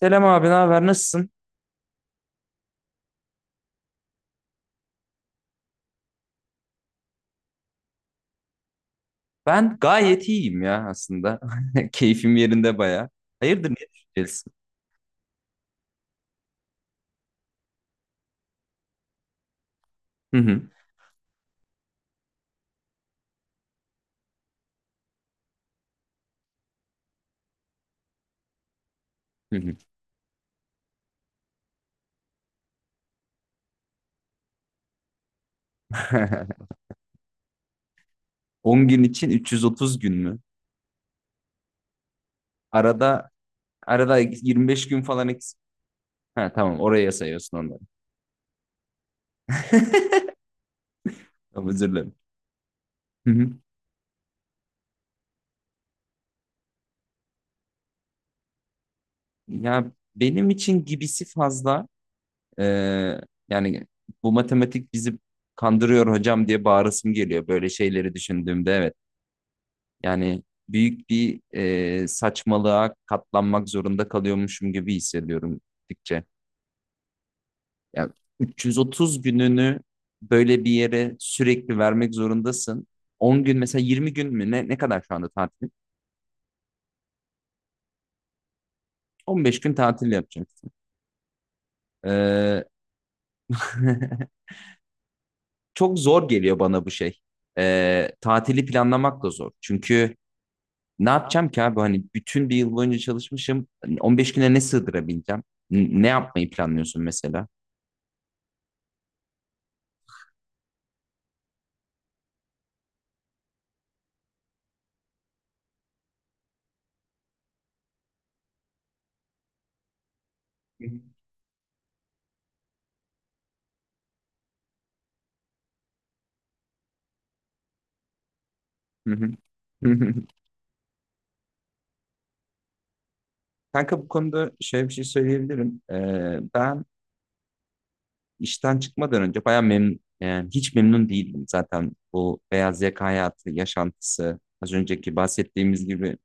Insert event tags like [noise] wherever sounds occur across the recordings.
Selam abi, ne haber? Nasılsın? Ben gayet iyiyim ya aslında. [laughs] Keyfim yerinde baya. Hayırdır ne düşüneceksin? Hı hı. Hı hı. [laughs] 10 gün için 330 gün mü? Arada arada 25 gün falan eksik. Ha tamam oraya sayıyorsun onları. [laughs] Tamam, özür dilerim. Hı hı. Ya benim için gibisi fazla. Ee, Yani bu matematik bizi kandırıyor hocam diye bağırasım geliyor böyle şeyleri düşündüğümde. Evet. Yani büyük bir saçmalığa katlanmak zorunda kalıyormuşum gibi hissediyorum gittikçe. Yani 330 gününü böyle bir yere sürekli vermek zorundasın. 10 gün mesela 20 gün mü ne kadar şu anda tatil? 15 gün tatil yapacaksın. Ee, [laughs] Çok zor geliyor bana bu şey. Tatili planlamak da zor. Çünkü ne yapacağım ki abi? Hani bütün bir yıl boyunca çalışmışım. Hani 15 güne ne sığdırabileceğim? Ne yapmayı planlıyorsun mesela? Hı hı. Hı hı. Kanka bu konuda şöyle bir şey söyleyebilirim. Ben işten çıkmadan önce bayağı memnun, yani hiç memnun değildim zaten bu beyaz yaka hayatı, yaşantısı, az önceki bahsettiğimiz gibi.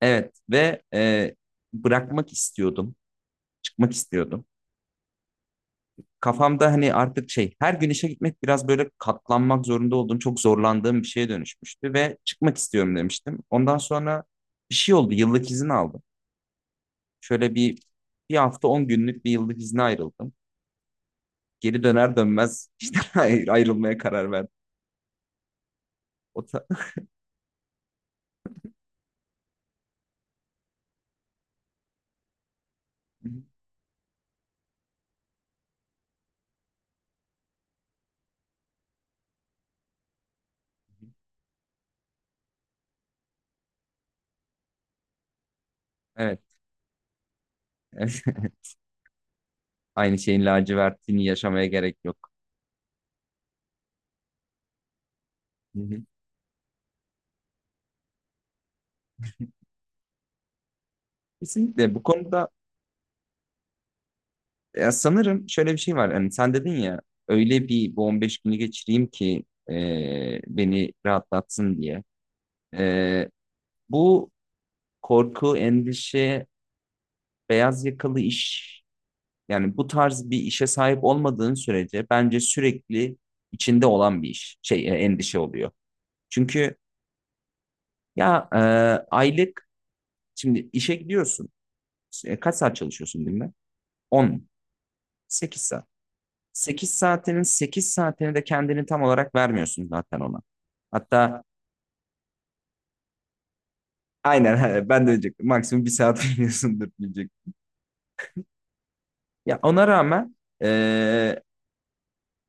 Evet ve bırakmak istiyordum, çıkmak istiyordum. Kafamda hani artık şey, her gün işe gitmek biraz böyle katlanmak zorunda olduğum, çok zorlandığım bir şeye dönüşmüştü ve çıkmak istiyorum demiştim. Ondan sonra bir şey oldu, yıllık izin aldım. Şöyle bir bir hafta 10 günlük bir yıllık izne ayrıldım. Geri döner dönmez işte [laughs] ayrılmaya karar verdim. O ta- [laughs] Evet. Evet. [laughs] Aynı şeyin lacivertliğini yaşamaya gerek yok. Hı hı. Kesinlikle bu konuda ya sanırım şöyle bir şey var. Hani sen dedin ya öyle bir bu 15 günü geçireyim ki beni rahatlatsın diye. E, Bu korku, endişe, beyaz yakalı iş yani bu tarz bir işe sahip olmadığın sürece bence sürekli içinde olan bir iş, şey endişe oluyor. Çünkü ya aylık şimdi işe gidiyorsun. Kaç saat çalışıyorsun günde? 10, 8 saat. 8 saatinin 8 saatini de kendini tam olarak vermiyorsun zaten ona. Hatta aynen [laughs] ben de diyecektim. Maksimum bir saat [laughs] veriyorsundur diyecek. Ya ona rağmen e,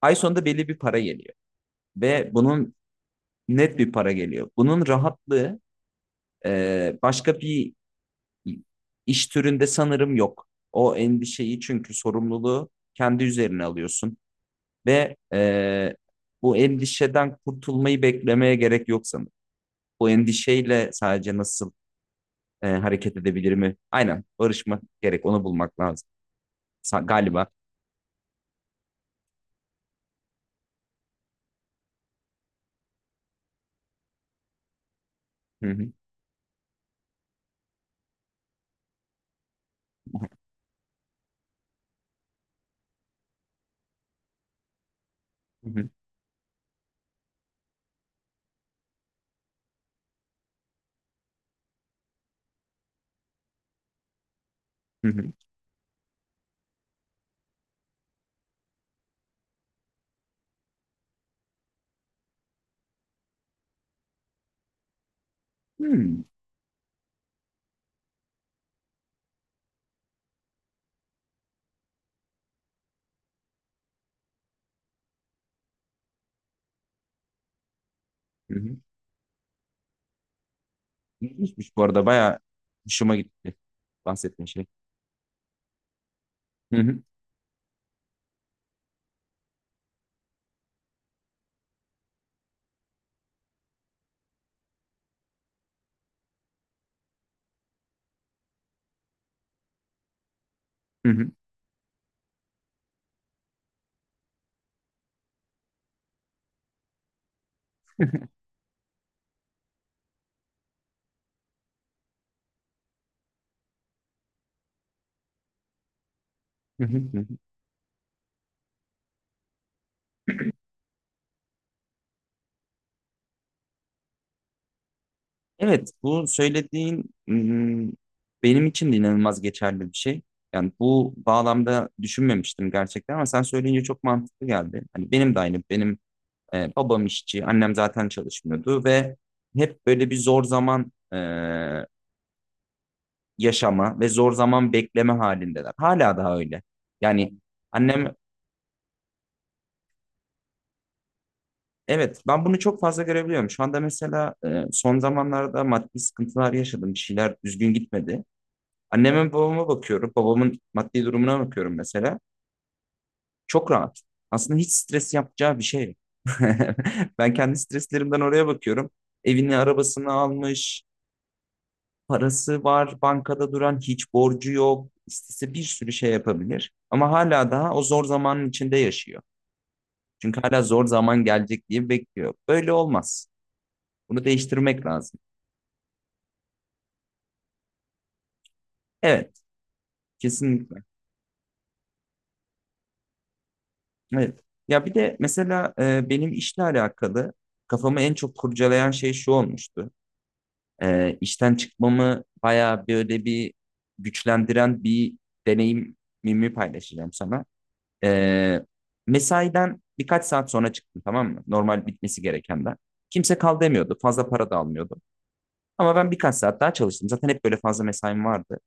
ay sonunda belli bir para geliyor ve bunun net bir para geliyor. Bunun rahatlığı başka bir iş türünde sanırım yok. O endişeyi çünkü sorumluluğu kendi üzerine alıyorsun ve bu endişeden kurtulmayı beklemeye gerek yok sanırım. Bu endişeyle sadece nasıl hareket edebilir mi? Aynen barışmak gerek, onu bulmak lazım galiba. Hı hı, hı hı, hı hı. Hmm, hı hı. İlginçmiş bu arada bayağı hoşuma gitti bahsettiğin şey. Hı hı, hı hı, [laughs] hı hı. Evet, bu söylediğin benim için de inanılmaz geçerli bir şey. Yani bu bağlamda düşünmemiştim gerçekten ama sen söyleyince çok mantıklı geldi. Hani benim de aynı, benim babam işçi, annem zaten çalışmıyordu ve hep böyle bir zor zaman yaşama ve zor zaman bekleme halindeler. Hala daha öyle. Yani annem, evet ben bunu çok fazla görebiliyorum. Şu anda mesela son zamanlarda maddi sıkıntılar yaşadım, bir şeyler düzgün gitmedi. Anneme babama bakıyorum. Babamın maddi durumuna bakıyorum mesela. Çok rahat. Aslında hiç stres yapacağı bir şey yok. [laughs] Ben kendi streslerimden oraya bakıyorum. Evini, arabasını almış, parası var, bankada duran, hiç borcu yok. İstese bir sürü şey yapabilir. Ama hala daha o zor zamanın içinde yaşıyor. Çünkü hala zor zaman gelecek diye bekliyor. Böyle olmaz. Bunu değiştirmek lazım. Evet, kesinlikle. Evet. Ya bir de mesela benim işle alakalı kafamı en çok kurcalayan şey şu olmuştu. E, işten çıkmamı bayağı böyle bir güçlendiren bir deneyimimi paylaşacağım sana. E, mesaiden birkaç saat sonra çıktım tamam mı? Normal bitmesi gerekenden. Kimse kal demiyordu. Fazla para da almıyordu. Ama ben birkaç saat daha çalıştım. Zaten hep böyle fazla mesaim vardı.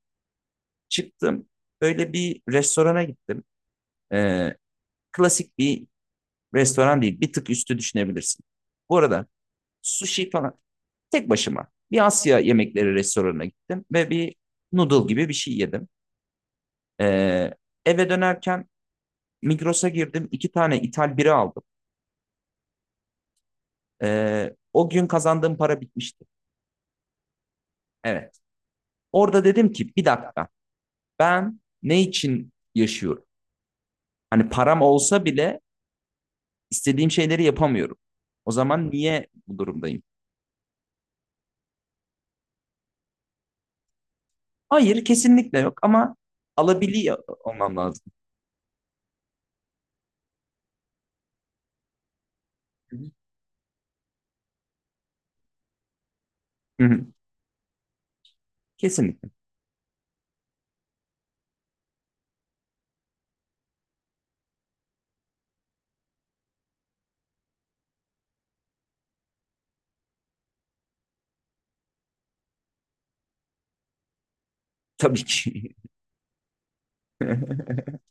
Çıktım. Böyle bir restorana gittim. E, klasik bir restoran değil, bir tık üstü düşünebilirsin. Bu arada sushi falan tek başıma bir Asya yemekleri restoranına gittim ve bir noodle gibi bir şey yedim. Ee, eve dönerken Migros'a girdim, iki tane ithal bira aldım. O gün kazandığım para bitmişti. Evet. Orada dedim ki bir dakika ben ne için yaşıyorum? Hani param olsa bile istediğim şeyleri yapamıyorum. O zaman niye bu durumdayım? Hayır kesinlikle yok ama alabiliyor olmam lazım. Hı hı. Kesinlikle. Tabii ki. [laughs]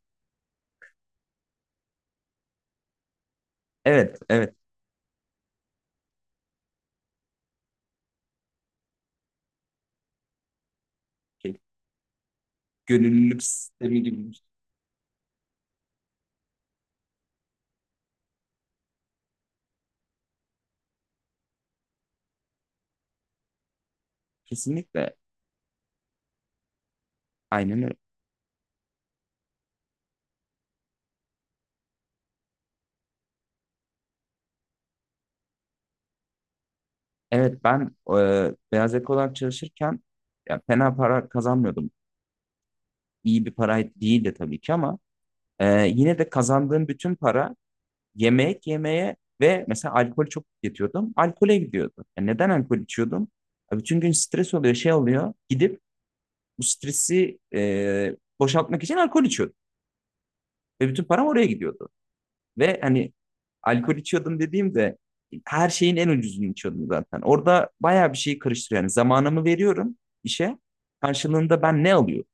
Evet, evet. Şey, gönüllülük sistemi gibi. Kesinlikle. Aynen öyle. Evet ben beyaz yakalı olarak çalışırken ya, fena para kazanmıyordum. İyi bir para değildi tabii ki ama yine de kazandığım bütün para yemek yemeye ve mesela alkol çok tüketiyordum. Alkole gidiyordu. Ya neden alkol içiyordum? Ya bütün gün stres oluyor, şey oluyor. Gidip bu stresi boşaltmak için alkol içiyordum. Ve bütün param oraya gidiyordu. Ve hani alkol içiyordum dediğimde her şeyin en ucuzunu içiyordum zaten. Orada bayağı bir şey karıştırıyor. Yani zamanımı veriyorum işe. Karşılığında ben ne alıyorum?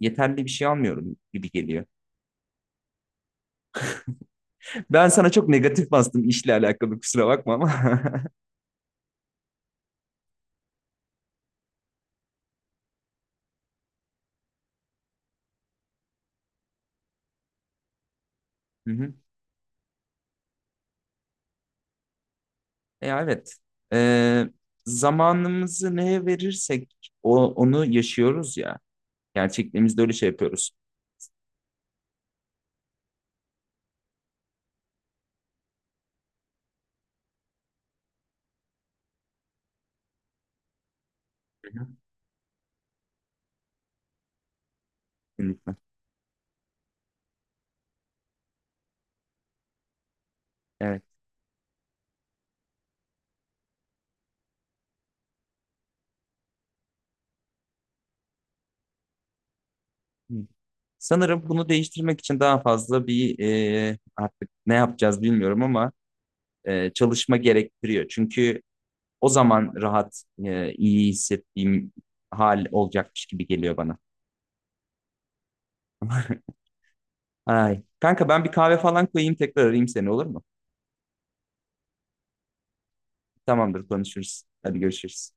Yeterli bir şey almıyorum gibi geliyor. Ben sana çok negatif bastım işle alakalı kusura bakma ama. [laughs] Hı hı. Evet. Ee, zamanımızı neye verirsek onu yaşıyoruz ya. Gerçekliğimizde öyle şey yapıyoruz. Hı hı. Kesinlikle. Evet. Hı. Sanırım bunu değiştirmek için daha fazla bir artık ne yapacağız bilmiyorum ama çalışma gerektiriyor. Çünkü o zaman rahat, iyi hissettiğim hal olacakmış gibi geliyor bana. Ay. Kanka ben bir kahve falan koyayım tekrar arayayım seni olur mu? Tamamdır konuşuruz. Hadi görüşürüz.